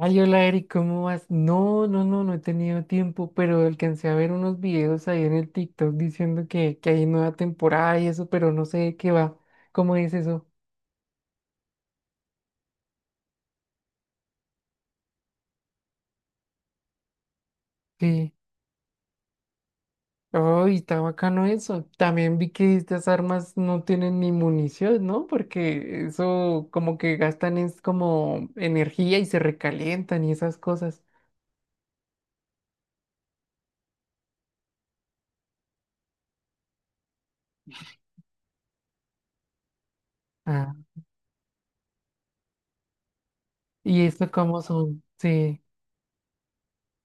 Ay, hola Eric, ¿cómo vas? No, no, no, no he tenido tiempo, pero alcancé a ver unos videos ahí en el TikTok diciendo que hay nueva temporada y eso, pero no sé de qué va. ¿Cómo es eso? Sí. Ay, está bacano eso. También vi que estas armas no tienen ni munición, ¿no? Porque eso como que gastan es como energía y se recalientan y esas cosas. Ah, ¿y esto cómo son? Sí.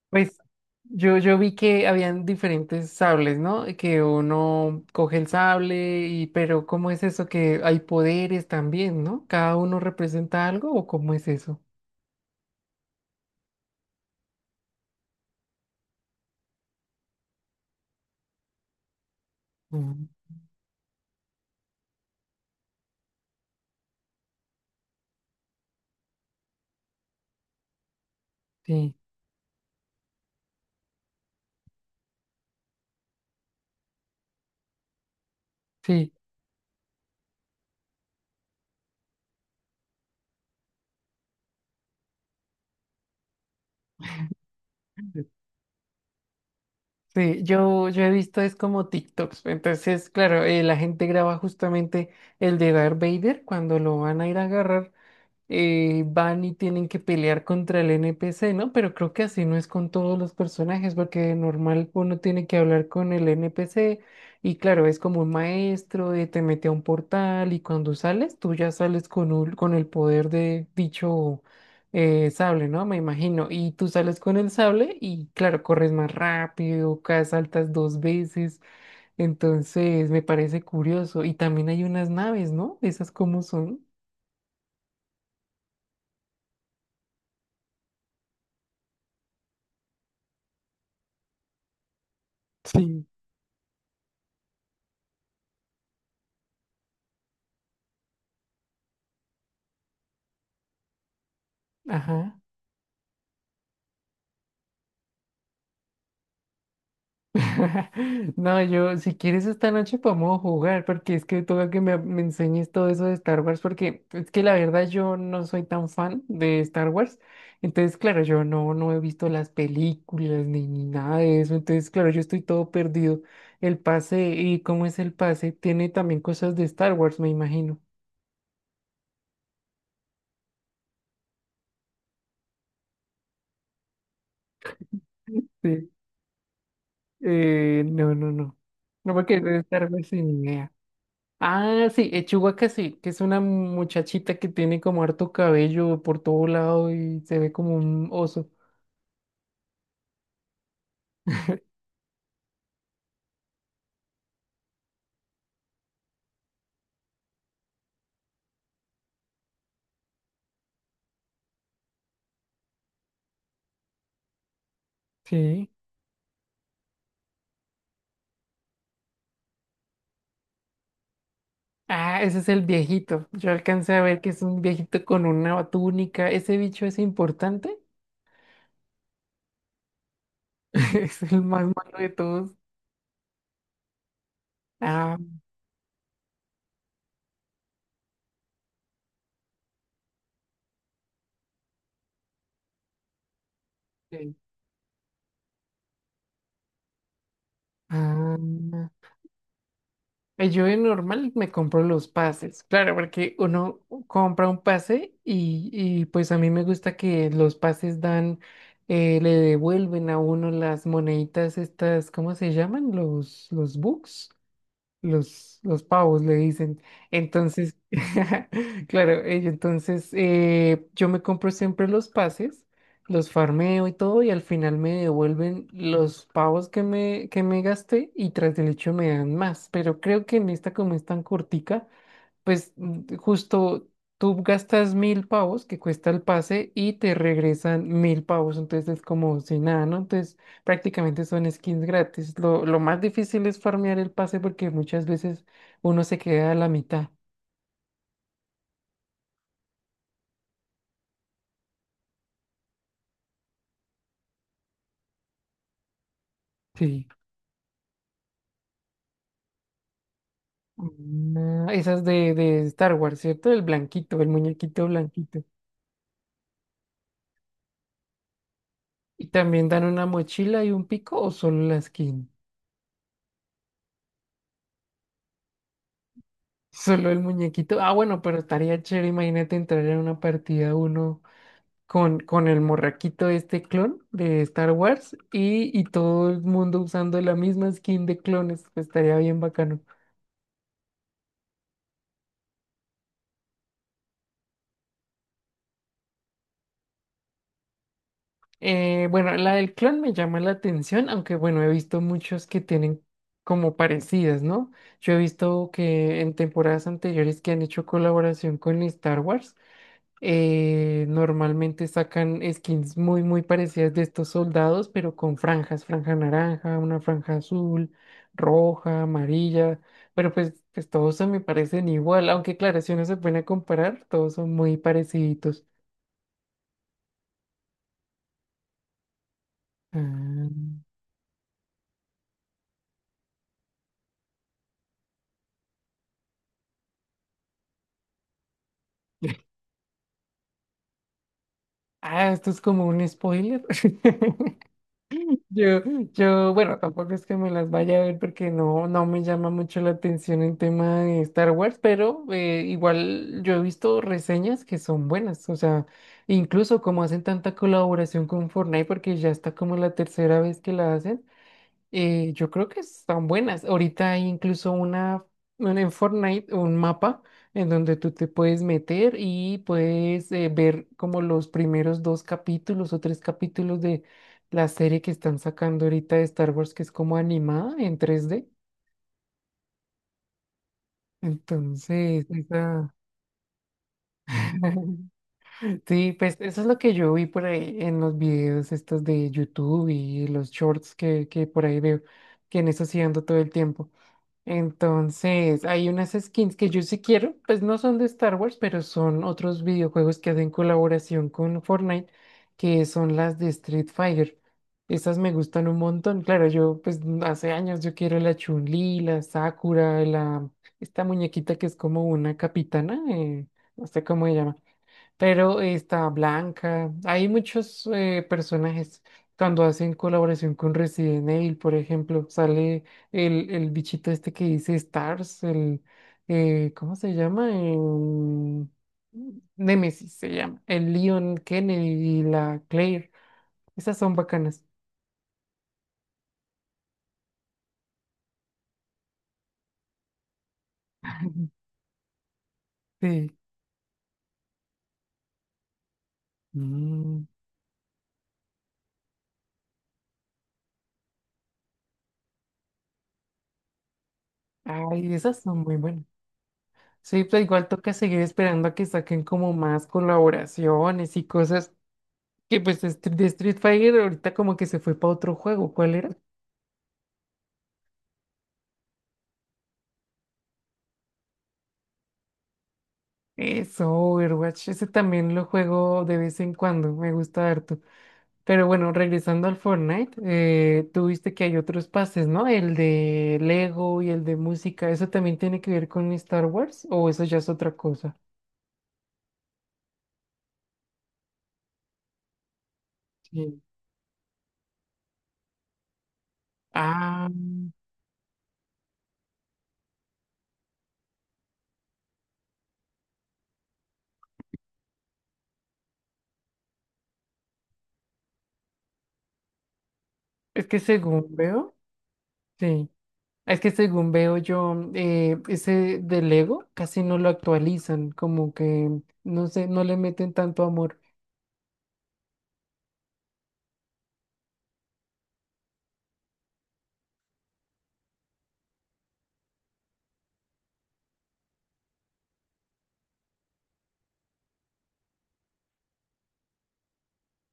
Pues yo vi que habían diferentes sables, ¿no? Que uno coge el sable y, pero ¿cómo es eso que hay poderes también, ¿no? ¿Cada uno representa algo o cómo es eso? Mm, sí, sí. Sí, yo he visto es como TikToks. Entonces, claro, la gente graba justamente el de Darth Vader cuando lo van a ir a agarrar, van y tienen que pelear contra el NPC, ¿no? Pero creo que así no es con todos los personajes, porque de normal uno tiene que hablar con el NPC y claro, es como un maestro, de te mete a un portal y cuando sales, tú ya sales con, con el poder de dicho, sable, ¿no? Me imagino. Y tú sales con el sable y claro, corres más rápido, caes, saltas dos veces. Entonces, me parece curioso. Y también hay unas naves, ¿no? ¿Esas cómo son? Sí. Ajá. No, yo, si quieres esta noche podemos jugar, porque es que toca que me enseñes todo eso de Star Wars, porque es que la verdad yo no soy tan fan de Star Wars. Entonces, claro, yo no he visto las películas ni nada de eso. Entonces, claro, yo estoy todo perdido. El pase, ¿y cómo es el pase? Tiene también cosas de Star Wars, me imagino. Sí. No, no, no. No, porque de Star Wars sin idea. Ah, sí, Chihuahua sí, que es una muchachita que tiene como harto cabello por todo lado y se ve como un oso. Sí. Ah, ese es el viejito. Yo alcancé a ver que es un viejito con una túnica. ¿Ese bicho es importante? Es el más malo de todos. Ah, ok. Ah. Yo de normal me compro los pases, claro, porque uno compra un pase y pues a mí me gusta que los pases dan, le devuelven a uno las moneditas estas, ¿cómo se llaman? Los bucks. Los pavos le dicen. Entonces, claro, ello, entonces, yo me compro siempre los pases, los farmeo y todo, y al final me devuelven los pavos que me gasté y tras del hecho me dan más. Pero creo que en esta, como es tan cortica, pues, justo tú gastas mil pavos que cuesta el pase y te regresan mil pavos, entonces es como si nada, ¿no? Entonces prácticamente son skins gratis. Lo más difícil es farmear el pase porque muchas veces uno se queda a la mitad. Sí. Ah, esas de Star Wars, ¿cierto? El blanquito, el muñequito blanquito. Y también dan una mochila y un pico o solo la skin. Solo el muñequito. Ah, bueno, pero estaría chévere, imagínate entrar en una partida uno con el morraquito este clon de Star Wars y todo el mundo usando la misma skin de clones, pues estaría bien bacano. Bueno, la del clon me llama la atención, aunque bueno, he visto muchos que tienen como parecidas, ¿no? Yo he visto que en temporadas anteriores que han hecho colaboración con Star Wars, normalmente sacan skins muy, muy parecidas de estos soldados, pero con franjas, franja naranja, una franja azul, roja, amarilla, pero pues todos se me parecen igual, aunque claro, si uno se pone a comparar, todos son muy parecidos. Ah, ah, esto es como un spoiler. Yo, yo, bueno, tampoco es que me las vaya a ver porque no me llama mucho la atención el tema de Star Wars, pero, igual yo he visto reseñas que son buenas, o sea, incluso como hacen tanta colaboración con Fortnite porque ya está como la tercera vez que la hacen. Yo creo que están buenas. Ahorita hay incluso una en Fortnite, un mapa en donde tú te puedes meter y puedes, ver como los primeros dos capítulos o tres capítulos de la serie que están sacando ahorita de Star Wars, que es como animada en 3D. Entonces, sí, pues eso es lo que yo vi por ahí en los videos estos de YouTube y los shorts que por ahí veo, que en eso sí ando todo el tiempo. Entonces, hay unas skins que yo sí quiero, pues no son de Star Wars, pero son otros videojuegos que hacen colaboración con Fortnite, que son las de Street Fighter. Esas me gustan un montón. Claro, yo pues hace años yo quiero la Chun-Li, la Sakura, la esta muñequita que es como una capitana, no sé cómo se llama. Pero está Blanca. Hay muchos, personajes. Cuando hacen colaboración con Resident Evil, por ejemplo, sale el bichito este que dice Stars, el, ¿cómo se llama? Nemesis se llama. El Leon Kennedy y la Claire. Esas son bacanas. Ujú. Sí. Mm. Ay, esas son muy buenas. Sí, pero igual toca seguir esperando a que saquen como más colaboraciones y cosas. Que pues, de Street Fighter ahorita como que se fue para otro juego. ¿Cuál era? Eso, Overwatch. Ese también lo juego de vez en cuando. Me gusta harto. Pero bueno, regresando al Fortnite, tú viste que hay otros pases, ¿no? El de Lego y el de música. ¿Eso también tiene que ver con Star Wars? ¿O eso ya es otra cosa? Sí. Ah, es que según veo, sí. Es que según veo yo, ese del Lego casi no lo actualizan, como que no sé, no le meten tanto amor.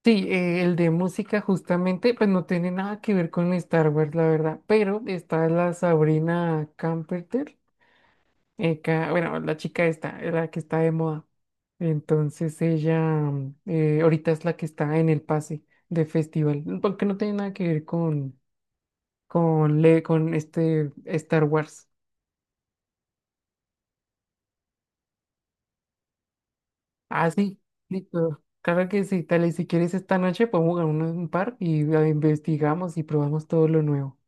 Sí, el de música justamente, pues no tiene nada que ver con Star Wars, la verdad, pero está la Sabrina Carpenter, bueno, la chica esta, la que está de moda. Entonces ella, ahorita es la que está en el pase de festival, porque no tiene nada que ver con, con este Star Wars. Ah, sí, listo. Claro que sí, tal y si quieres esta noche podemos jugar un par y, investigamos y probamos todo lo nuevo.